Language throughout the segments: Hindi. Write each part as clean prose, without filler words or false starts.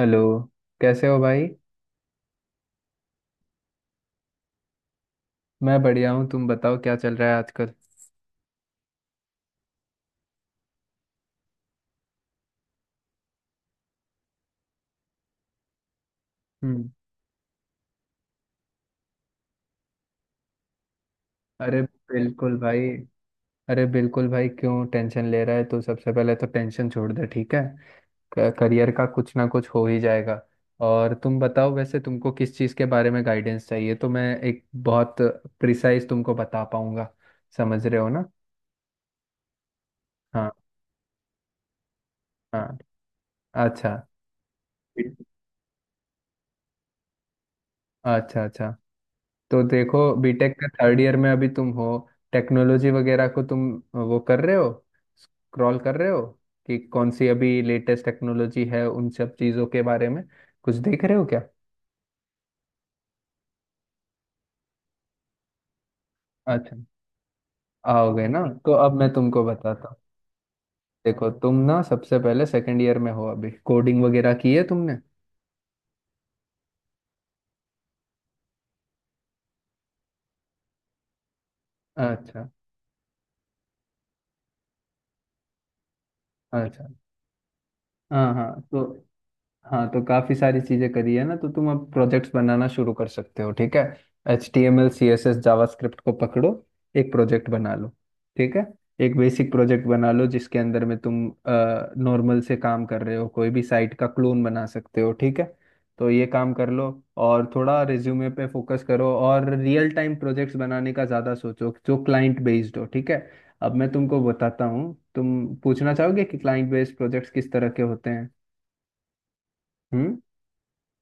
हेलो। कैसे हो भाई। मैं बढ़िया हूँ, तुम बताओ क्या चल रहा है आजकल। हम्म। अरे बिल्कुल भाई। अरे बिल्कुल भाई, क्यों टेंशन ले रहा है। तो सबसे पहले तो टेंशन छोड़ दे, ठीक है। करियर का कुछ ना कुछ हो ही जाएगा। और तुम बताओ वैसे तुमको किस चीज़ के बारे में गाइडेंस चाहिए तो मैं एक बहुत प्रिसाइज तुमको बता पाऊंगा। समझ रहे हो ना। हाँ। हाँ, अच्छा अच्छा। अच्छा, तो देखो बीटेक के थर्ड ईयर में अभी तुम हो। टेक्नोलॉजी वगैरह को तुम वो कर रहे हो, स्क्रॉल कर रहे हो कि कौन सी अभी लेटेस्ट टेक्नोलॉजी है उन सब चीज़ों के बारे में कुछ देख रहे हो क्या। अच्छा, आओगे ना तो अब मैं तुमको बताता हूँ। देखो तुम ना सबसे पहले सेकंड ईयर में हो अभी, कोडिंग वगैरह की है तुमने। अच्छा। अच्छा। हाँ हाँ, तो हाँ तो काफी सारी चीजें करी है ना, तो तुम अब प्रोजेक्ट्स बनाना शुरू कर सकते हो, ठीक है। H T M L CSS JavaScript को पकड़ो, एक प्रोजेक्ट बना लो, ठीक है। एक बेसिक प्रोजेक्ट बना लो जिसके अंदर में तुम नॉर्मल से काम कर रहे हो, कोई भी साइट का क्लोन बना सकते हो, ठीक है। तो ये काम कर लो, और थोड़ा रिज्यूमे पे फोकस करो और रियल टाइम प्रोजेक्ट्स बनाने का ज़्यादा सोचो जो क्लाइंट बेस्ड हो, ठीक है। अब मैं तुमको बताता हूँ, तुम पूछना चाहोगे कि क्लाइंट बेस्ड प्रोजेक्ट्स किस तरह के होते हैं।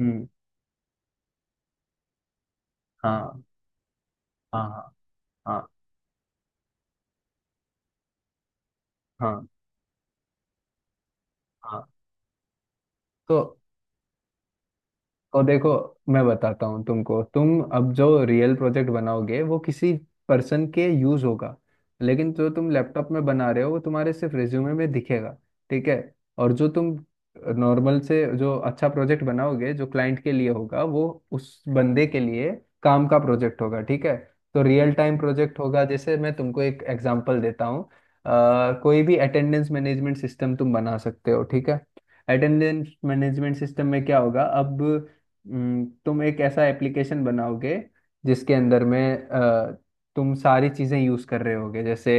हम्म। हाँ। हाँ। हाँ। हाँ। हाँ। हाँ। तो और देखो, मैं बताता हूँ तुमको, तुम अब जो रियल प्रोजेक्ट बनाओगे वो किसी पर्सन के यूज होगा। लेकिन जो तुम लैपटॉप में बना रहे हो वो तुम्हारे सिर्फ रिज्यूमे में दिखेगा, ठीक है। और जो तुम नॉर्मल से जो अच्छा प्रोजेक्ट बनाओगे जो क्लाइंट के लिए होगा वो उस बंदे के लिए काम का प्रोजेक्ट होगा, ठीक है। तो रियल टाइम प्रोजेक्ट होगा, जैसे मैं तुमको एक एग्जांपल देता हूँ। कोई भी अटेंडेंस मैनेजमेंट सिस्टम तुम बना सकते हो, ठीक है। अटेंडेंस मैनेजमेंट सिस्टम में क्या होगा अब। तुम एक ऐसा एप्लीकेशन बनाओगे जिसके अंदर में तुम सारी चीज़ें यूज़ कर रहे होगे, जैसे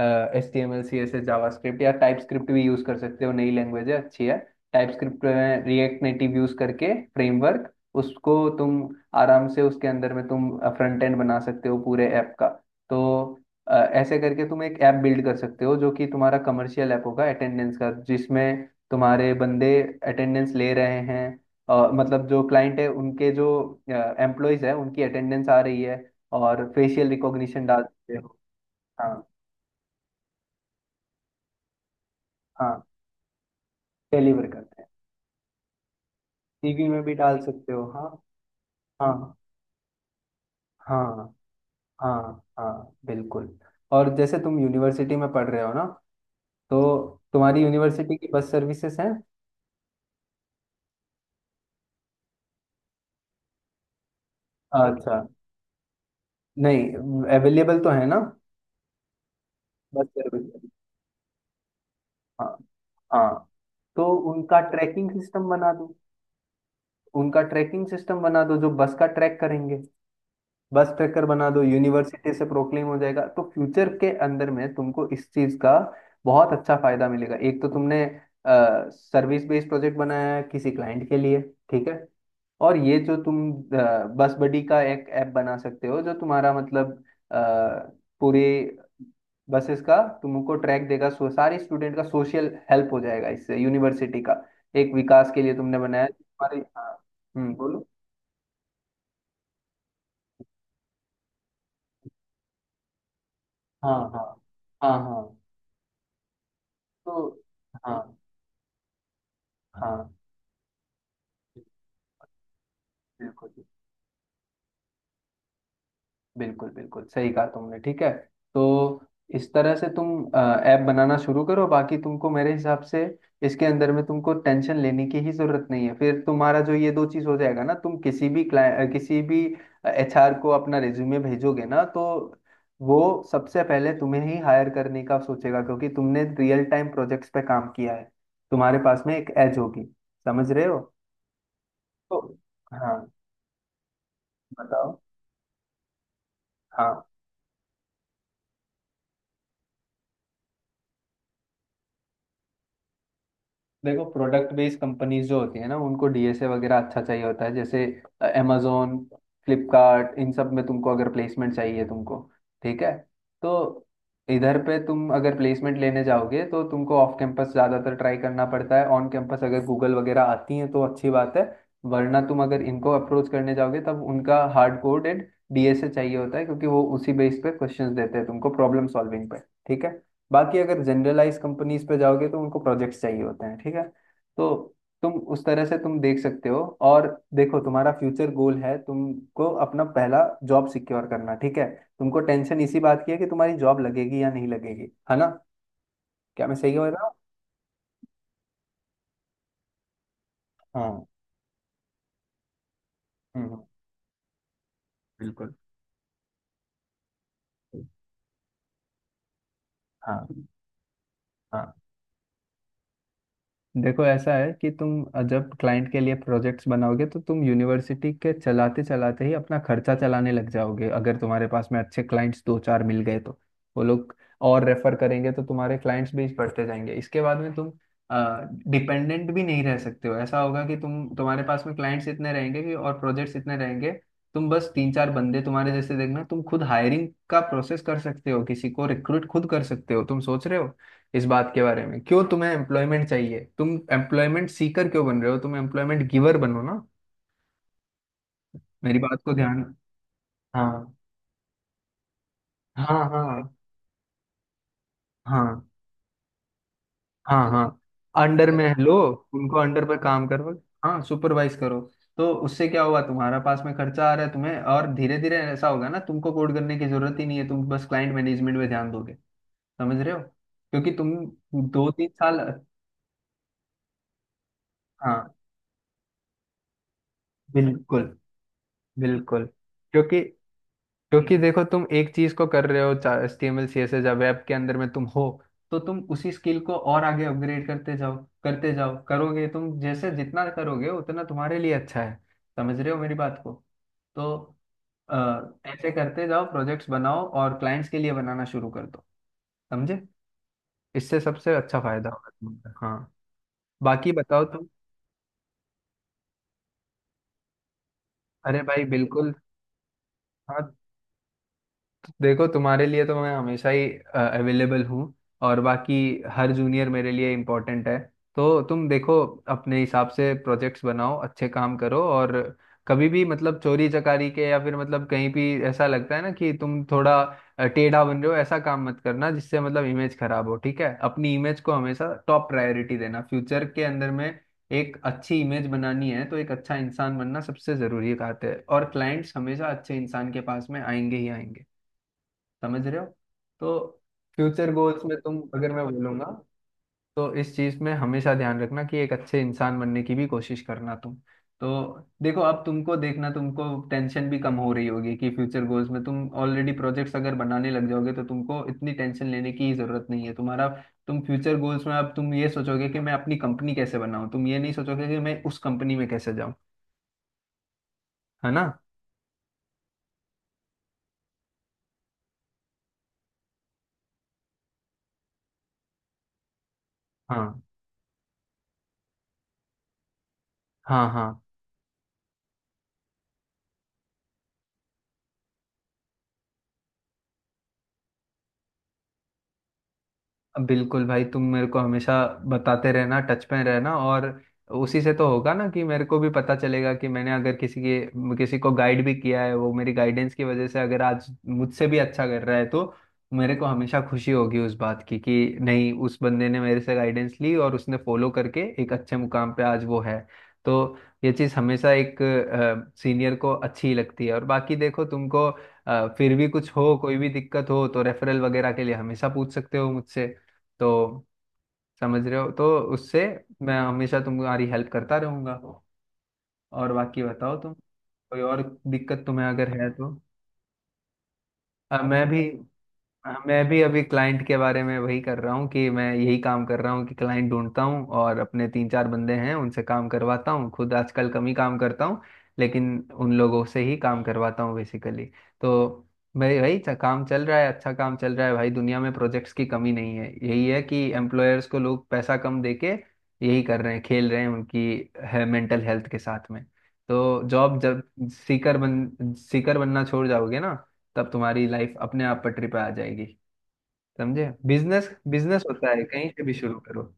HTML सी एस एस जावा स्क्रिप्ट या टाइप स्क्रिप्ट भी यूज़ कर सकते हो, नई लैंग्वेज है अच्छी है। टाइप स्क्रिप्ट में रिएक्ट नेटिव यूज़ करके फ्रेमवर्क, उसको तुम आराम से उसके अंदर में तुम फ्रंट एंड बना सकते हो पूरे ऐप का। तो ऐसे करके तुम एक ऐप बिल्ड कर सकते हो जो कि तुम्हारा कमर्शियल ऐप होगा अटेंडेंस का, जिसमें तुम्हारे बंदे अटेंडेंस ले रहे हैं। मतलब जो क्लाइंट है उनके जो एम्प्लॉयज है उनकी अटेंडेंस आ रही है, और फेशियल रिकॉग्निशन डाल सकते हो। हाँ। हाँ, डिलीवर करते हैं। सीवी में भी डाल सकते हो, हाँ। हाँ। हाँ। हाँ। हाँ बिल्कुल। और जैसे तुम यूनिवर्सिटी में पढ़ रहे हो ना, तो तुम्हारी यूनिवर्सिटी की बस सर्विसेज हैं। अच्छा। नहीं, अवेलेबल तो है ना। Bus service. हाँ। हाँ, तो उनका ट्रैकिंग सिस्टम बना दो। उनका ट्रैकिंग सिस्टम बना दो जो बस का ट्रैक करेंगे। बस ट्रैकर बना दो, यूनिवर्सिटी से प्रोक्लेम हो जाएगा, तो फ्यूचर के अंदर में तुमको इस चीज का बहुत अच्छा फायदा मिलेगा। एक तो तुमने सर्विस बेस्ड प्रोजेक्ट बनाया है किसी क्लाइंट के लिए, ठीक है। और ये जो तुम बस बडी का एक ऐप बना सकते हो जो तुम्हारा मतलब अ, पूरे बसेस का तुमको ट्रैक देगा, सो सारे स्टूडेंट का सोशल हेल्प हो जाएगा, इससे यूनिवर्सिटी का एक विकास के लिए तुमने बनाया, तुम्हारे, हाँ। बोलो। हाँ। हाँ। हाँ। हाँ। तो हाँ हाँ, बिल्कुल। बिल्कुल बिल्कुल सही कहा तुमने, ठीक है। तो इस तरह से तुम ऐप बनाना शुरू करो। बाकी तुमको मेरे हिसाब से इसके अंदर में तुमको टेंशन लेने की ही जरूरत नहीं है, फिर तुम्हारा जो ये दो चीज हो जाएगा ना, तुम किसी भी क्लाइंट, किसी भी HR को अपना रिज्यूमे भेजोगे ना तो वो सबसे पहले तुम्हें ही हायर करने का सोचेगा, क्योंकि तुमने रियल टाइम प्रोजेक्ट्स पे काम किया है, तुम्हारे पास में एक एज होगी। समझ रहे हो। तो हाँ, बताओ। हाँ। देखो प्रोडक्ट बेस्ड कंपनीज जो होती है ना, उनको DSA वगैरह अच्छा चाहिए होता है, जैसे amazon, फ्लिपकार्ट, इन सब में तुमको अगर प्लेसमेंट चाहिए तुमको, ठीक है। तो इधर पे तुम अगर प्लेसमेंट लेने जाओगे तो तुमको ऑफ कैंपस ज़्यादातर ट्राई करना पड़ता है, ऑन कैंपस अगर गूगल वगैरह आती हैं तो अच्छी बात है, वरना तुम अगर इनको अप्रोच करने जाओगे तब उनका हार्ड कोडेड DSA चाहिए होता है, क्योंकि वो उसी बेस पे क्वेश्चंस देते हैं तुमको, प्रॉब्लम सॉल्विंग पे, ठीक है। बाकी अगर जनरलाइज कंपनीज पे जाओगे तो उनको प्रोजेक्ट्स चाहिए होते हैं, ठीक है। तो तुम उस तरह से तुम देख सकते हो। और देखो तुम्हारा फ्यूचर गोल है तुमको अपना पहला जॉब सिक्योर करना, ठीक है। तुमको टेंशन इसी बात की है कि तुम्हारी जॉब लगेगी या नहीं लगेगी, है ना। क्या मैं सही हो रहा हूँ। हाँ। हम्म। हम्म। बिल्कुल। हाँ। हाँ। देखो ऐसा है कि तुम जब क्लाइंट के लिए प्रोजेक्ट्स बनाओगे तो तुम यूनिवर्सिटी के चलाते चलाते ही अपना खर्चा चलाने लग जाओगे, अगर तुम्हारे पास में अच्छे क्लाइंट्स दो चार मिल गए तो वो लोग और रेफर करेंगे, तो तुम्हारे क्लाइंट्स भी बढ़ते जाएंगे। इसके बाद में तुम डिपेंडेंट भी नहीं रह सकते हो, ऐसा होगा कि तुम तुम्हारे पास में क्लाइंट्स इतने रहेंगे कि, और प्रोजेक्ट्स इतने रहेंगे, तुम बस तीन चार बंदे तुम्हारे जैसे देखना, तुम खुद हायरिंग का प्रोसेस कर सकते हो, किसी को रिक्रूट खुद कर सकते हो। तुम सोच रहे हो इस बात के बारे में, क्यों तुम्हें एम्प्लॉयमेंट चाहिए, तुम एम्प्लॉयमेंट सीकर क्यों बन रहे हो, तुम एम्प्लॉयमेंट गिवर बनो ना। मेरी बात को ध्यान। हाँ। हाँ। हाँ। हाँ। हाँ। हाँ, अंडर में लो। उनको अंडर पर काम करो, हाँ सुपरवाइज करो। तो उससे क्या हुआ, तुम्हारा पास में खर्चा आ रहा है तुम्हें, और धीरे धीरे ऐसा होगा ना, तुमको कोड करने की जरूरत ही नहीं है, तुम बस क्लाइंट मैनेजमेंट पे ध्यान दोगे। समझ रहे हो, क्योंकि तुम दो तीन साल। हाँ बिल्कुल। बिल्कुल। क्योंकि क्योंकि देखो, तुम एक चीज को कर रहे हो, H T M L C S S या वेब के अंदर में तुम हो, तो तुम उसी स्किल को और आगे अपग्रेड करते जाओ, करते जाओ करोगे तुम, जैसे जितना करोगे उतना तुम्हारे लिए अच्छा है। समझ रहे हो मेरी बात को। तो अ, ऐसे करते जाओ, प्रोजेक्ट्स बनाओ और क्लाइंट्स के लिए बनाना शुरू कर दो, समझे। इससे सबसे अच्छा फायदा होगा तुम्हारा, हाँ। बाकी बताओ तुम। अरे भाई बिल्कुल। हाँ। देखो तुम्हारे लिए तो मैं हमेशा ही अवेलेबल हूँ, और बाकी हर जूनियर मेरे लिए इम्पोर्टेंट है। तो तुम देखो अपने हिसाब से प्रोजेक्ट्स बनाओ, अच्छे काम करो, और कभी भी मतलब चोरी चकारी के या फिर मतलब कहीं भी ऐसा लगता है ना कि तुम थोड़ा टेढ़ा बन रहे हो, ऐसा काम मत करना जिससे मतलब इमेज खराब हो, ठीक है। अपनी इमेज को हमेशा टॉप प्रायोरिटी देना, फ्यूचर के अंदर में एक अच्छी इमेज बनानी है तो एक अच्छा इंसान बनना सबसे जरूरी बात है, और क्लाइंट्स हमेशा अच्छे इंसान के पास में आएंगे ही आएंगे। समझ रहे हो। तो फ्यूचर गोल्स में तुम, अगर मैं बोलूंगा तो इस चीज में हमेशा ध्यान रखना कि एक अच्छे इंसान बनने की भी कोशिश करना तुम। तो देखो अब तुमको देखना, तुमको टेंशन भी कम हो रही होगी कि फ्यूचर गोल्स में तुम ऑलरेडी प्रोजेक्ट्स अगर बनाने लग जाओगे तो तुमको इतनी टेंशन लेने की जरूरत नहीं है तुम्हारा। तुम फ्यूचर गोल्स में अब तुम ये सोचोगे कि मैं अपनी कंपनी कैसे बनाऊं, तुम ये नहीं सोचोगे कि मैं उस कंपनी में कैसे जाऊं, है ना। हाँ। हाँ। हाँ बिल्कुल भाई, तुम मेरे को हमेशा बताते रहना, टच में रहना, और उसी से तो होगा ना कि मेरे को भी पता चलेगा कि मैंने अगर किसी के किसी को गाइड भी किया है, वो मेरी गाइडेंस की वजह से अगर आज मुझसे भी अच्छा कर रहा है, तो मेरे को हमेशा खुशी होगी उस बात की कि नहीं उस बंदे ने मेरे से गाइडेंस ली और उसने फॉलो करके एक अच्छे मुकाम पे आज वो है। तो ये चीज़ हमेशा एक सीनियर को अच्छी ही लगती है, और बाकी देखो तुमको फिर भी कुछ हो, कोई भी दिक्कत हो तो रेफरल वगैरह के लिए हमेशा पूछ सकते हो मुझसे। तो समझ रहे हो, तो उससे मैं हमेशा तुम्हारी हेल्प करता रहूंगा। और बाकी बताओ तुम, कोई और दिक्कत तुम्हें अगर है तो। मैं भी, हाँ, मैं भी अभी क्लाइंट के बारे में वही कर रहा हूँ कि मैं यही काम कर रहा हूँ कि क्लाइंट ढूंढता हूँ, और अपने तीन चार बंदे हैं उनसे काम करवाता हूँ, खुद आजकल कम ही काम करता हूँ, लेकिन उन लोगों से ही काम करवाता हूँ बेसिकली। तो भाई भाई, काम चल रहा है, अच्छा काम चल रहा है भाई, दुनिया में प्रोजेक्ट्स की कमी नहीं है, यही है कि एम्प्लॉयर्स को लोग पैसा कम देके यही कर रहे हैं, खेल रहे हैं उनकी, है, मेंटल हेल्थ के साथ में। तो जॉब जब सीकर बनना छोड़ जाओगे ना, तब तुम्हारी लाइफ अपने आप पटरी पे आ जाएगी, समझे। बिजनेस, बिजनेस होता है कहीं से भी शुरू करो।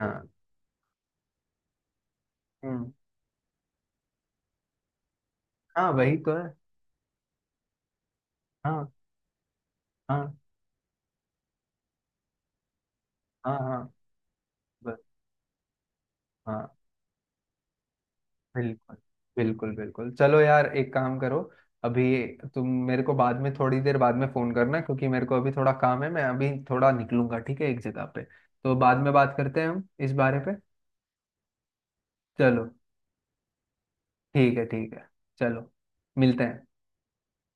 हाँ। हम्म। हाँ वही तो है। हाँ। हाँ। हाँ। हाँ। बस। हाँ। बिल्कुल। बिल्कुल बिल्कुल, चलो यार, एक काम करो, अभी तुम मेरे को बाद में, थोड़ी देर बाद में फोन करना, क्योंकि मेरे को अभी थोड़ा काम है, मैं अभी थोड़ा निकलूंगा, ठीक है, एक जगह पे। तो बाद में बात करते हैं हम इस बारे पे। चलो। ठीक है, ठीक है। चलो, मिलते हैं।